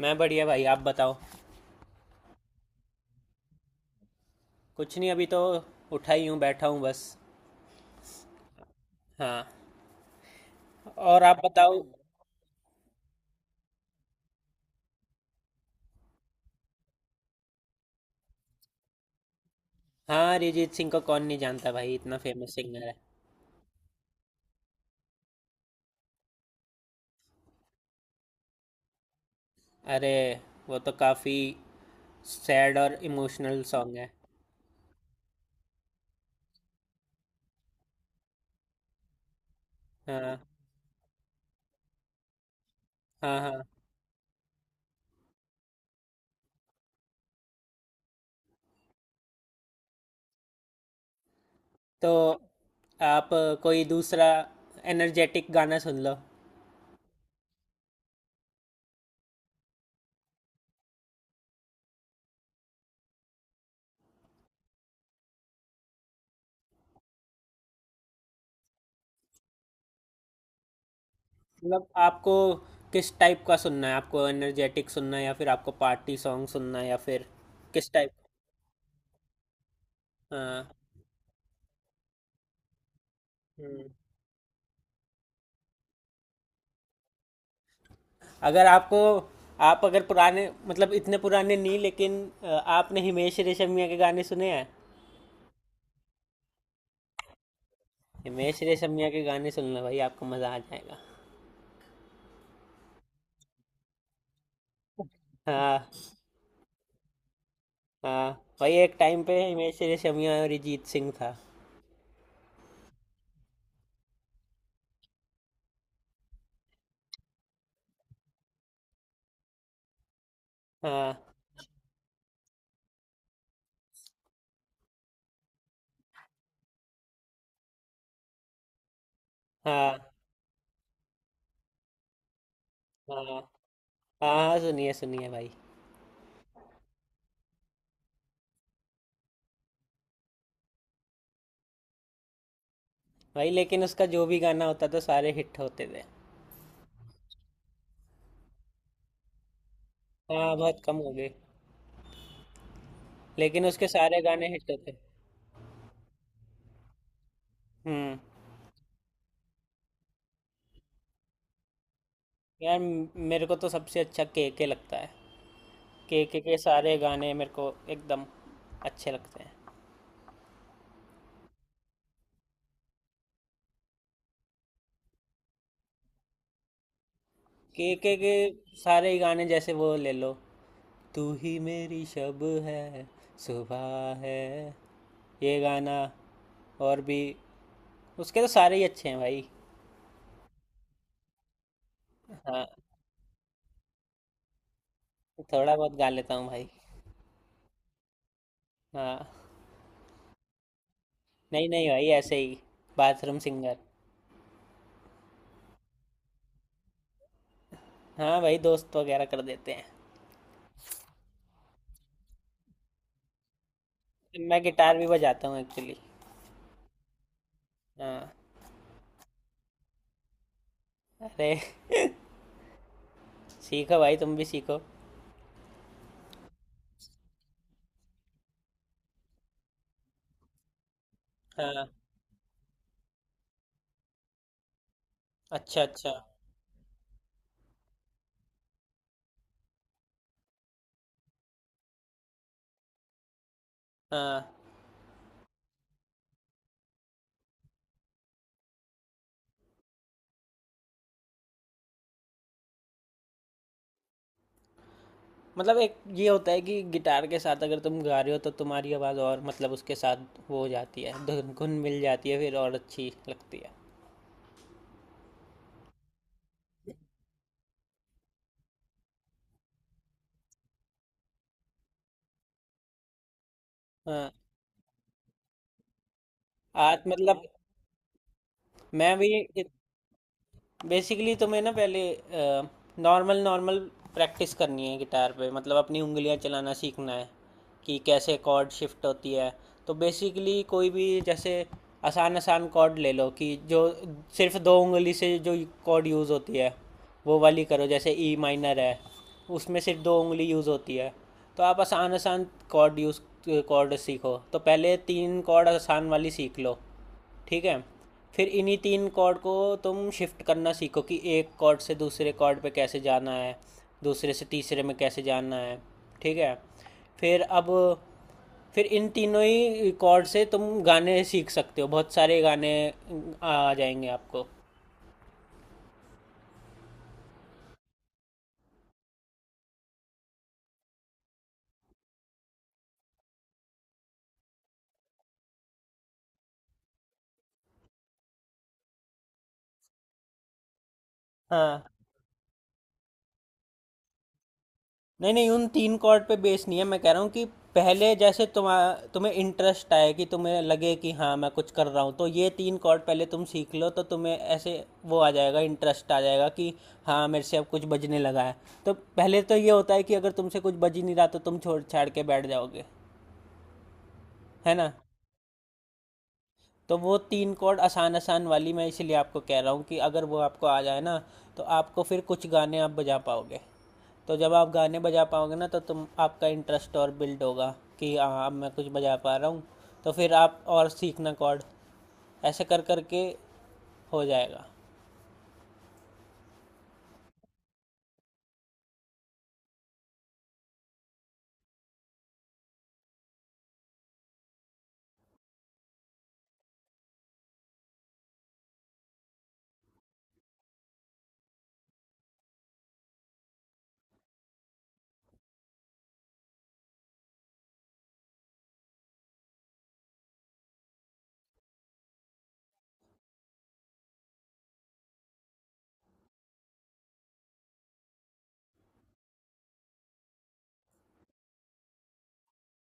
मैं बढ़िया भाई। आप बताओ। कुछ नहीं, अभी तो उठा ही हूँ, बैठा हूँ बस। हाँ। और आप बताओ। हाँ, अरिजीत सिंह को कौन नहीं जानता भाई, इतना फेमस सिंगर है। अरे, वो तो काफ़ी सैड और इमोशनल सॉन्ग है। हाँ हाँ हाँ। तो आप कोई दूसरा एनर्जेटिक गाना सुन लो। मतलब आपको किस टाइप का सुनना है? आपको एनर्जेटिक सुनना है या फिर आपको पार्टी सॉन्ग सुनना है, या फिर किस टाइप? हाँ। हम्म। अगर आपको, आप अगर पुराने मतलब इतने पुराने नहीं, लेकिन आपने हिमेश रेशमिया के गाने सुने हैं? हिमेश रेशमिया के गाने सुनना भाई, आपको मज़ा आ जाएगा। हाँ हाँ। भाई एक टाइम पे हिमेश रेशमिया और अरिजीत सिंह था। हाँ हाँ हाँ हाँ। हाँ, सुनिए सुनिए भाई। भाई लेकिन उसका जो भी गाना होता था, सारे हिट होते थे। हाँ, बहुत कम हो गए। लेकिन उसके सारे गाने हिट होते। हम्म। यार मेरे को तो सबसे अच्छा के लगता है। के सारे गाने मेरे को एकदम अच्छे लगते हैं। के सारे ही गाने, जैसे वो ले लो, तू ही मेरी शब है, सुबह है, ये गाना, और भी, उसके तो सारे ही अच्छे हैं भाई। हाँ, थोड़ा बहुत गा लेता हूँ भाई। हाँ। नहीं नहीं भाई, ऐसे ही, बाथरूम सिंगर। हाँ भाई, दोस्त वगैरह कर देते हैं। मैं गिटार भी बजाता हूँ एक्चुअली। हाँ। अरे, सीखो भाई तुम भी सीखो। हाँ। अच्छा अच्छा। हाँ, मतलब एक ये होता है कि गिटार के साथ अगर तुम गा रहे हो तो तुम्हारी आवाज़ और मतलब उसके साथ वो हो जाती है, धुन धुन मिल जाती है, फिर और अच्छी लगती है। हाँ। आज मतलब मैं भी, बेसिकली तुम्हें ना पहले नॉर्मल नॉर्मल प्रैक्टिस करनी है गिटार पे। मतलब अपनी उंगलियां चलाना सीखना है, कि कैसे कॉर्ड शिफ्ट होती है। तो बेसिकली कोई भी, जैसे आसान आसान कॉर्ड ले लो, कि जो सिर्फ दो उंगली से जो कॉर्ड यूज़ होती है वो वाली करो। जैसे ई माइनर है, उसमें सिर्फ दो उंगली यूज़ होती है। तो आप आसान आसान कॉर्ड यूज़, कॉर्ड सीखो, तो पहले तीन कॉर्ड आसान वाली सीख लो। ठीक है? फिर इन्हीं तीन कॉर्ड को तुम शिफ्ट करना सीखो, कि एक कॉर्ड से दूसरे कॉर्ड पे कैसे जाना है, दूसरे से तीसरे में कैसे जाना है। ठीक है? फिर अब, फिर इन तीनों ही कॉर्ड से तुम गाने सीख सकते हो, बहुत सारे गाने आ जाएंगे आपको। हाँ। नहीं नहीं, उन तीन कॉर्ड पे बेस नहीं है, मैं कह रहा हूँ कि पहले जैसे तुम, तुम्हें इंटरेस्ट आए, कि तुम्हें लगे कि हाँ मैं कुछ कर रहा हूँ, तो ये तीन कॉर्ड पहले तुम सीख लो, तो तुम्हें ऐसे वो आ जाएगा, इंटरेस्ट आ जाएगा कि हाँ मेरे से अब कुछ बजने लगा है। तो पहले तो ये होता है कि अगर तुमसे कुछ बज ही नहीं रहा तो तुम छोड़ छाड़ के बैठ जाओगे। है ना? तो वो तीन कॉर्ड आसान आसान वाली मैं इसलिए आपको कह रहा हूँ, कि अगर वो आपको आ जाए ना तो आपको फिर कुछ गाने आप बजा पाओगे। तो जब आप गाने बजा पाओगे ना तो तुम, आपका इंटरेस्ट और बिल्ड होगा, कि हाँ अब मैं कुछ बजा पा रहा हूँ। तो फिर आप और सीखना कॉर्ड ऐसे कर कर के हो जाएगा।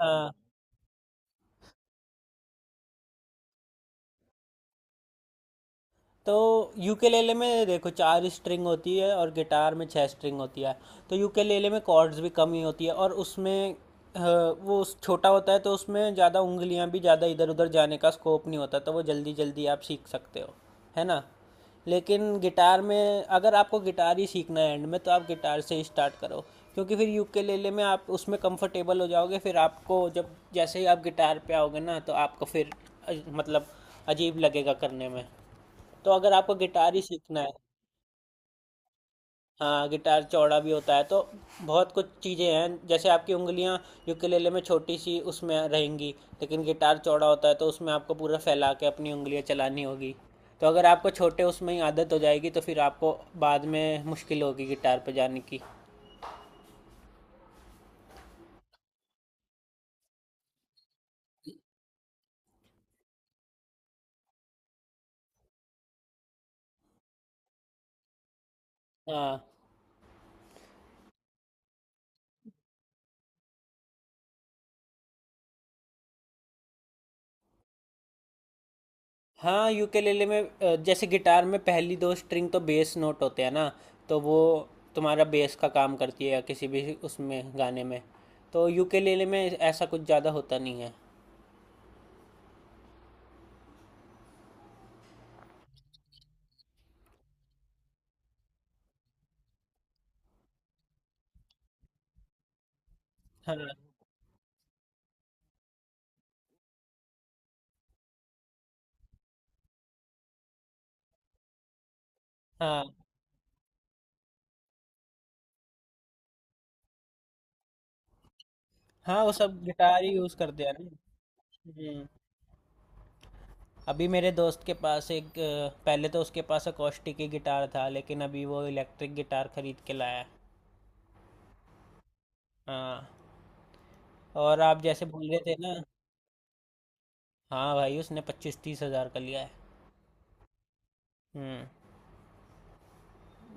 हाँ। तो यूकेलेले में देखो चार स्ट्रिंग होती है और गिटार में छह स्ट्रिंग होती है। तो यूकेलेले में कॉर्ड्स भी कम ही होती है, और उसमें वो छोटा होता है, तो उसमें ज़्यादा उंगलियां भी ज़्यादा इधर उधर जाने का स्कोप नहीं होता, तो वो जल्दी जल्दी आप सीख सकते हो। है ना? लेकिन गिटार में, अगर आपको गिटार ही सीखना है एंड में, तो आप गिटार से ही स्टार्ट करो। क्योंकि फिर यूकेलेले में आप उसमें कंफर्टेबल हो जाओगे, फिर आपको जब जैसे ही आप गिटार पे आओगे ना, तो आपको फिर मतलब अजीब लगेगा करने में। तो अगर आपको गिटार ही सीखना है। हाँ, गिटार चौड़ा भी होता है तो बहुत कुछ चीज़ें हैं। जैसे आपकी उंगलियां यूकेलेले में छोटी सी उसमें रहेंगी, लेकिन गिटार चौड़ा होता है, तो उसमें आपको पूरा फैला के अपनी उंगलियां चलानी होगी। तो अगर आपको छोटे उसमें ही आदत हो जाएगी तो फिर आपको बाद में मुश्किल होगी गिटार पे जाने की। हाँ हाँ, यूकेलेले में जैसे गिटार में पहली दो स्ट्रिंग तो बेस नोट होते हैं ना, तो वो तुम्हारा बेस का काम करती है, या किसी भी उसमें गाने में। तो यूकेलेले में ऐसा कुछ ज़्यादा होता नहीं है। हाँ हाँ। हाँ, वो सब गिटार ही यूज़ करते हैं ना। हम्म। अभी मेरे दोस्त के पास एक पहले तो उसके पास अकॉस्टिक ही गिटार था, लेकिन अभी वो इलेक्ट्रिक गिटार खरीद के लाया है। हाँ। और आप जैसे बोल रहे थे ना। हाँ भाई, उसने 25-30 हज़ार का लिया है। हम्म।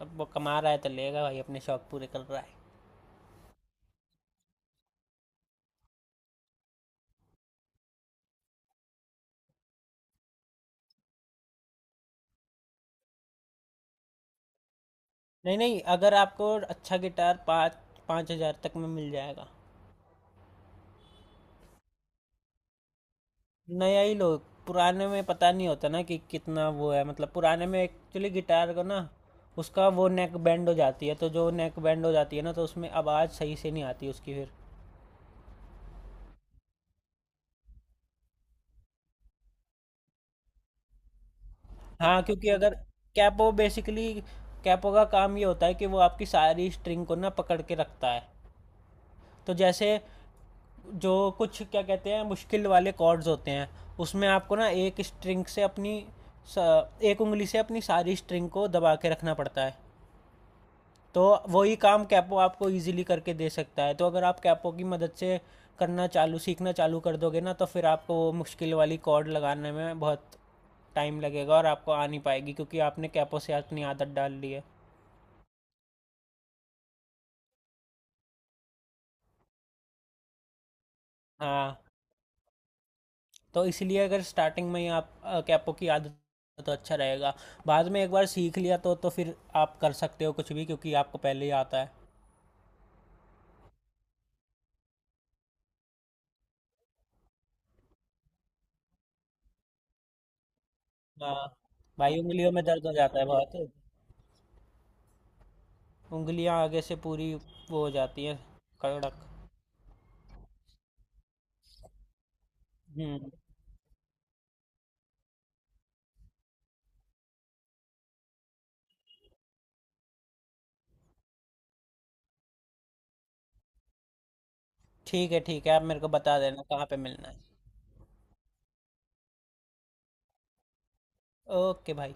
अब वो कमा रहा है तो लेगा भाई, अपने शौक पूरे कर रहा है। नहीं नहीं, अगर आपको अच्छा गिटार पाँच, 5 हज़ार तक में मिल जाएगा। नया ही लो। पुराने में पता नहीं होता ना कि कितना वो है, मतलब पुराने में एक्चुअली गिटार को ना उसका वो नेक बैंड हो जाती है, तो जो नेक बैंड हो जाती है ना तो उसमें आवाज़ सही से नहीं आती उसकी फिर। हाँ क्योंकि अगर, कैपो बेसिकली, कैपो का काम ये होता है कि वो आपकी सारी स्ट्रिंग को ना पकड़ के रखता है। तो जैसे जो कुछ क्या कहते हैं, मुश्किल वाले कॉर्ड्स होते हैं, उसमें आपको ना एक स्ट्रिंग से अपनी एक उंगली से अपनी सारी स्ट्रिंग को दबा के रखना पड़ता है। तो वही काम कैपो आपको इजीली करके दे सकता है। तो अगर आप कैपो की मदद से करना चालू सीखना चालू कर दोगे ना, तो फिर आपको वो मुश्किल वाली कॉर्ड लगाने में बहुत टाइम लगेगा, और आपको आ नहीं पाएगी क्योंकि आपने कैपो से अपनी आदत डाल ली है। हाँ, तो इसलिए अगर स्टार्टिंग में ही आप कैपो की आदत है तो अच्छा रहेगा। बाद में एक बार सीख लिया तो फिर आप कर सकते हो कुछ भी, क्योंकि आपको पहले ही आता है। हाँ भाई, उंगलियों में दर्द हो जाता है बहुत। उंगलियां आगे से पूरी वो हो जाती है, कड़क। हम्म। ठीक है ठीक है, आप मेरे को बता देना कहाँ पे मिलना है। ओके भाई।